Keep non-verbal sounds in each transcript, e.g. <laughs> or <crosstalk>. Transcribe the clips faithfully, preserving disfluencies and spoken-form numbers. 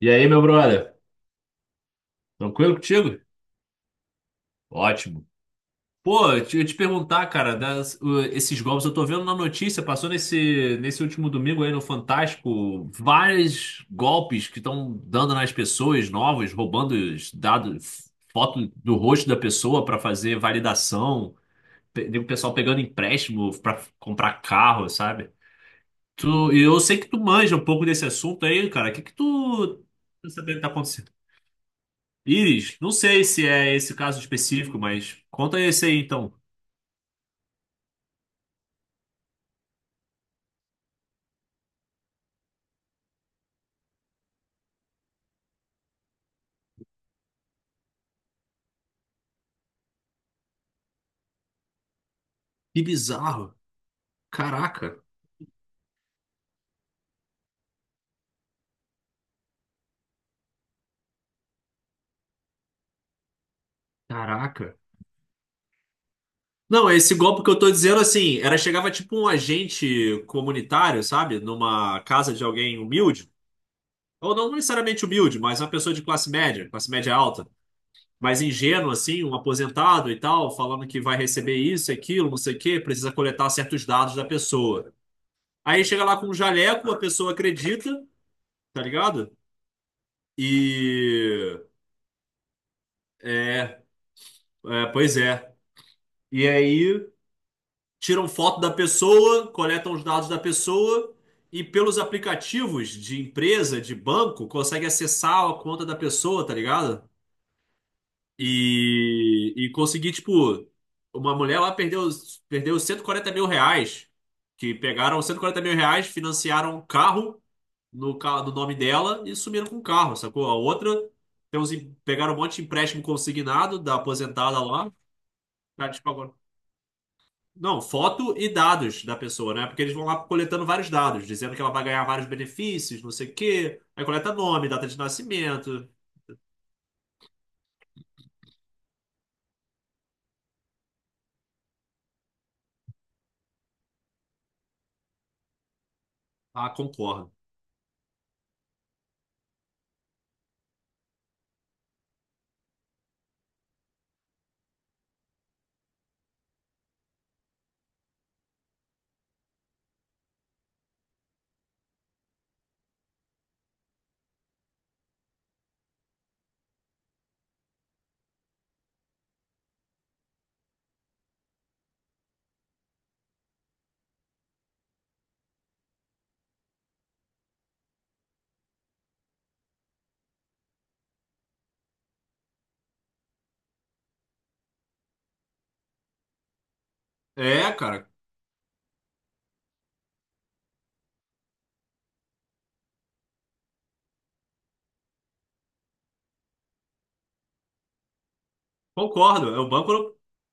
E aí, meu brother? Tranquilo contigo? Ótimo. Pô, eu te eu te perguntar, cara, das- o- esses golpes, eu tô vendo na notícia, passou nesse, nesse último domingo aí no Fantástico, vários golpes que estão dando nas pessoas novas, roubando os dados, foto do rosto da pessoa para fazer validação, pe- o pessoal pegando empréstimo para comprar carro, sabe? Tu, e eu sei que tu manja um pouco desse assunto aí, cara. O que que tu, tu sabe o que tá acontecendo? Iris, não sei se é esse o caso específico, mas conta esse aí então. Que bizarro. Caraca, caraca. Não, esse golpe que eu tô dizendo assim, era chegava tipo um agente comunitário, sabe? Numa casa de alguém humilde, ou não necessariamente humilde, mas uma pessoa de classe média, classe média alta, mas ingênuo assim, um aposentado e tal, falando que vai receber isso, aquilo, não sei o quê, precisa coletar certos dados da pessoa. Aí chega lá com um jaleco, a pessoa acredita, tá ligado? E é, É, pois é. E aí tiram foto da pessoa, coletam os dados da pessoa e pelos aplicativos de empresa, de banco, consegue acessar a conta da pessoa, tá ligado? E, e conseguir, tipo, uma mulher lá perdeu, perdeu cento e quarenta mil reais, que pegaram cento e quarenta mil reais, financiaram um carro no, ca- no nome dela e sumiram com o carro, sacou? A outra tem uns em- pegaram um monte de empréstimo consignado da aposentada lá, tá, tipo, não, foto e dados da pessoa, né? Porque eles vão lá coletando vários dados, dizendo que ela vai ganhar vários benefícios, não sei o quê. Aí coleta nome, data de nascimento. Ah, concordo. É, cara, concordo. É, O banco,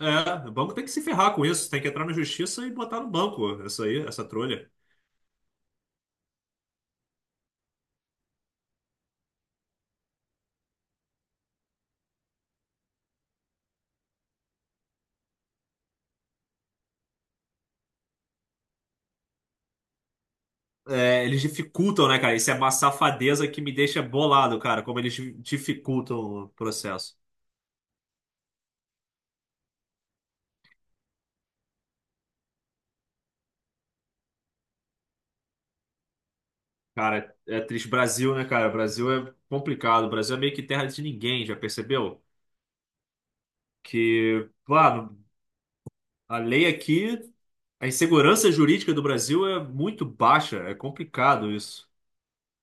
não- é, o banco tem que se ferrar com isso. Tem que entrar na justiça e botar no banco essa aí, essa trolha. É, eles dificultam, né, cara? Isso é uma safadeza que me deixa bolado, cara, como eles dificultam o processo. Cara, é triste. Brasil, né, cara? Brasil é complicado. Brasil é meio que terra de ninguém, já percebeu? Que, claro, a lei aqui, a insegurança jurídica do Brasil é muito baixa, é complicado isso,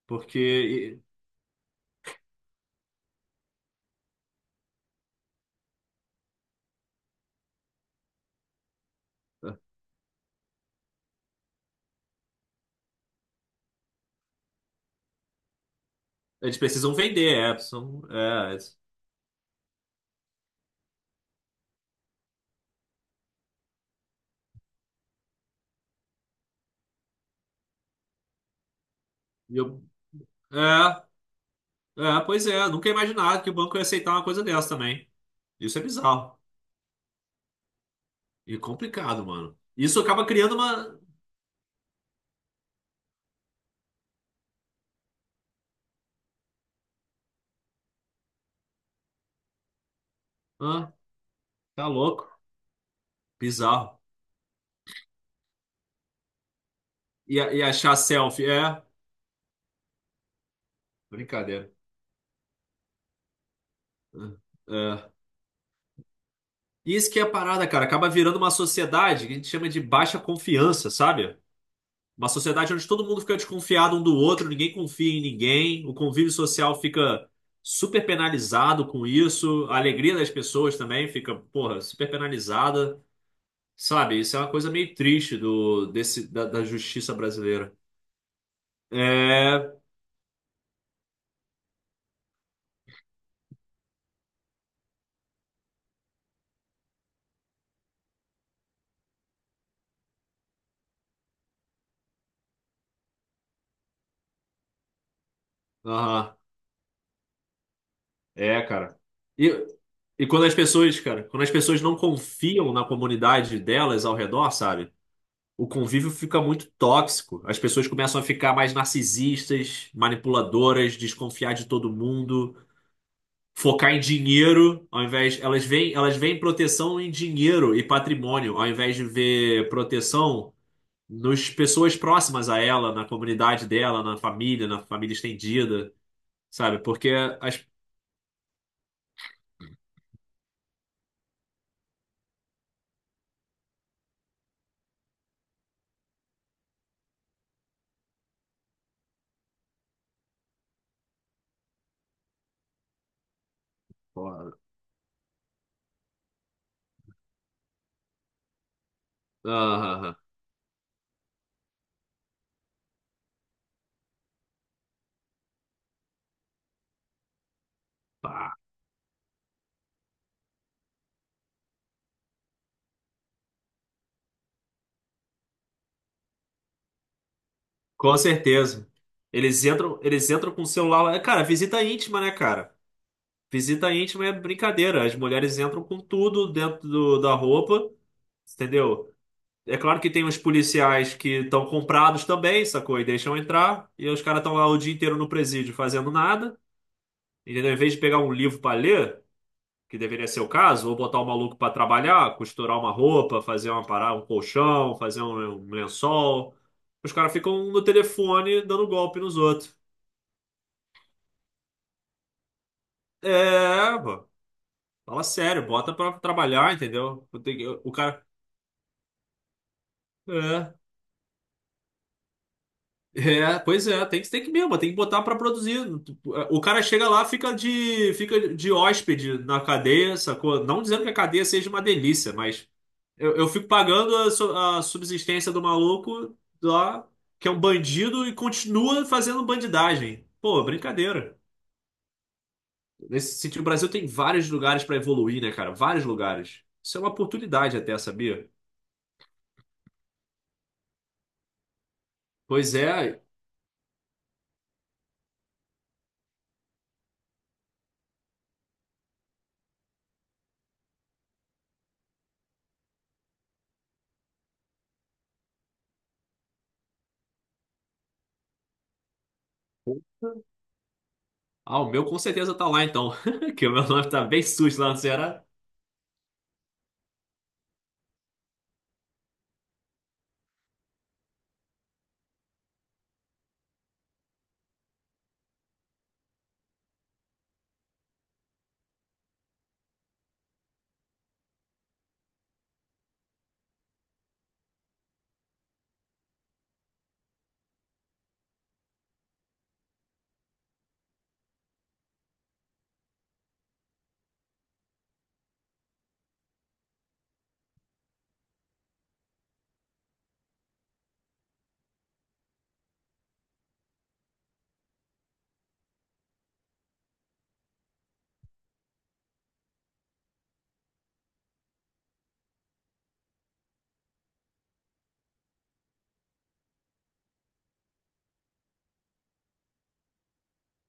porque e, é, eles precisam vender, é, são, é, e eu, é, é, pois é, nunca ia imaginar que o banco ia aceitar uma coisa dessa também. Isso é bizarro e complicado, mano. Isso acaba criando uma, ah, tá louco, bizarro. E, a- e achar selfie, é, brincadeira. É. É. Isso que é a parada, cara. Acaba virando uma sociedade que a gente chama de baixa confiança, sabe? Uma sociedade onde todo mundo fica desconfiado um do outro, ninguém confia em ninguém, o convívio social fica super penalizado com isso, a alegria das pessoas também fica, porra, super penalizada, sabe? Isso é uma coisa meio triste do, desse, da, da justiça brasileira. É, aham, é, cara. E, e quando as pessoas, cara, quando as pessoas não confiam na comunidade delas ao redor, sabe? O convívio fica muito tóxico. As pessoas começam a ficar mais narcisistas, manipuladoras, desconfiar de todo mundo, focar em dinheiro, ao invés elas veem, elas veem proteção em dinheiro e patrimônio, ao invés de ver proteção nas pessoas próximas a ela, na comunidade dela, na família, na família estendida, sabe? Porque as. Foda. Aham, pá. Com certeza. Eles entram, eles entram com o celular lá. Cara, visita íntima, né, cara? Visita íntima é brincadeira. As mulheres entram com tudo dentro do- da roupa, entendeu? É claro que tem os policiais que estão comprados também, sacou? E deixam entrar. E os caras estão lá o dia inteiro no presídio fazendo nada, entendeu? Em vez de pegar um livro para ler, que deveria ser o caso, ou botar o maluco para trabalhar, costurar uma roupa, fazer uma parada, um colchão, fazer um, um lençol. Os caras ficam no telefone dando golpe nos outros. É, pô. Fala sério, bota pra trabalhar, entendeu? Eu tenho que- O cara. É. É, pois é, tem que, tem que mesmo, tem que botar pra produzir. O cara chega lá, fica de, fica de hóspede na cadeia, sacou? Não dizendo que a cadeia seja uma delícia, mas eu, eu fico pagando a, su- a subsistência do maluco lá, que é um bandido, e continua fazendo bandidagem. Pô, brincadeira. Nesse sentido, o Brasil tem vários lugares pra evoluir, né, cara? Vários lugares. Isso é uma oportunidade até, sabia? Pois é. Ah, o meu com certeza tá lá então. <laughs> Que o meu nome tá bem sujo lá no Ceará.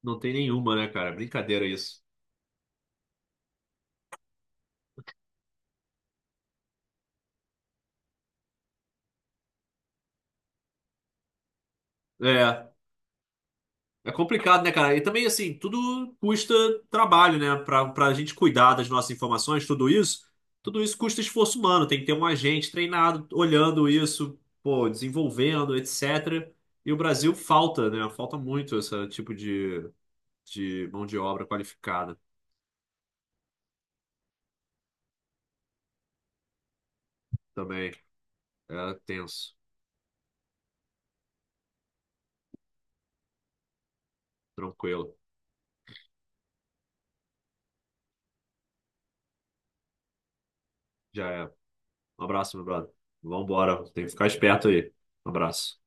Não tem nenhuma, né, cara? Brincadeira isso. É. É complicado, né, cara? E também, assim, tudo custa trabalho, né? Pra, pra gente cuidar das nossas informações, tudo isso, tudo isso custa esforço humano. Tem que ter um agente treinado, olhando isso, pô, desenvolvendo, etcétera. E o Brasil falta, né? Falta muito esse tipo de, de mão de obra qualificada também. É tenso, tranquilo. Já é. Um abraço, meu brother. Vambora, tem que ficar esperto aí. Um abraço.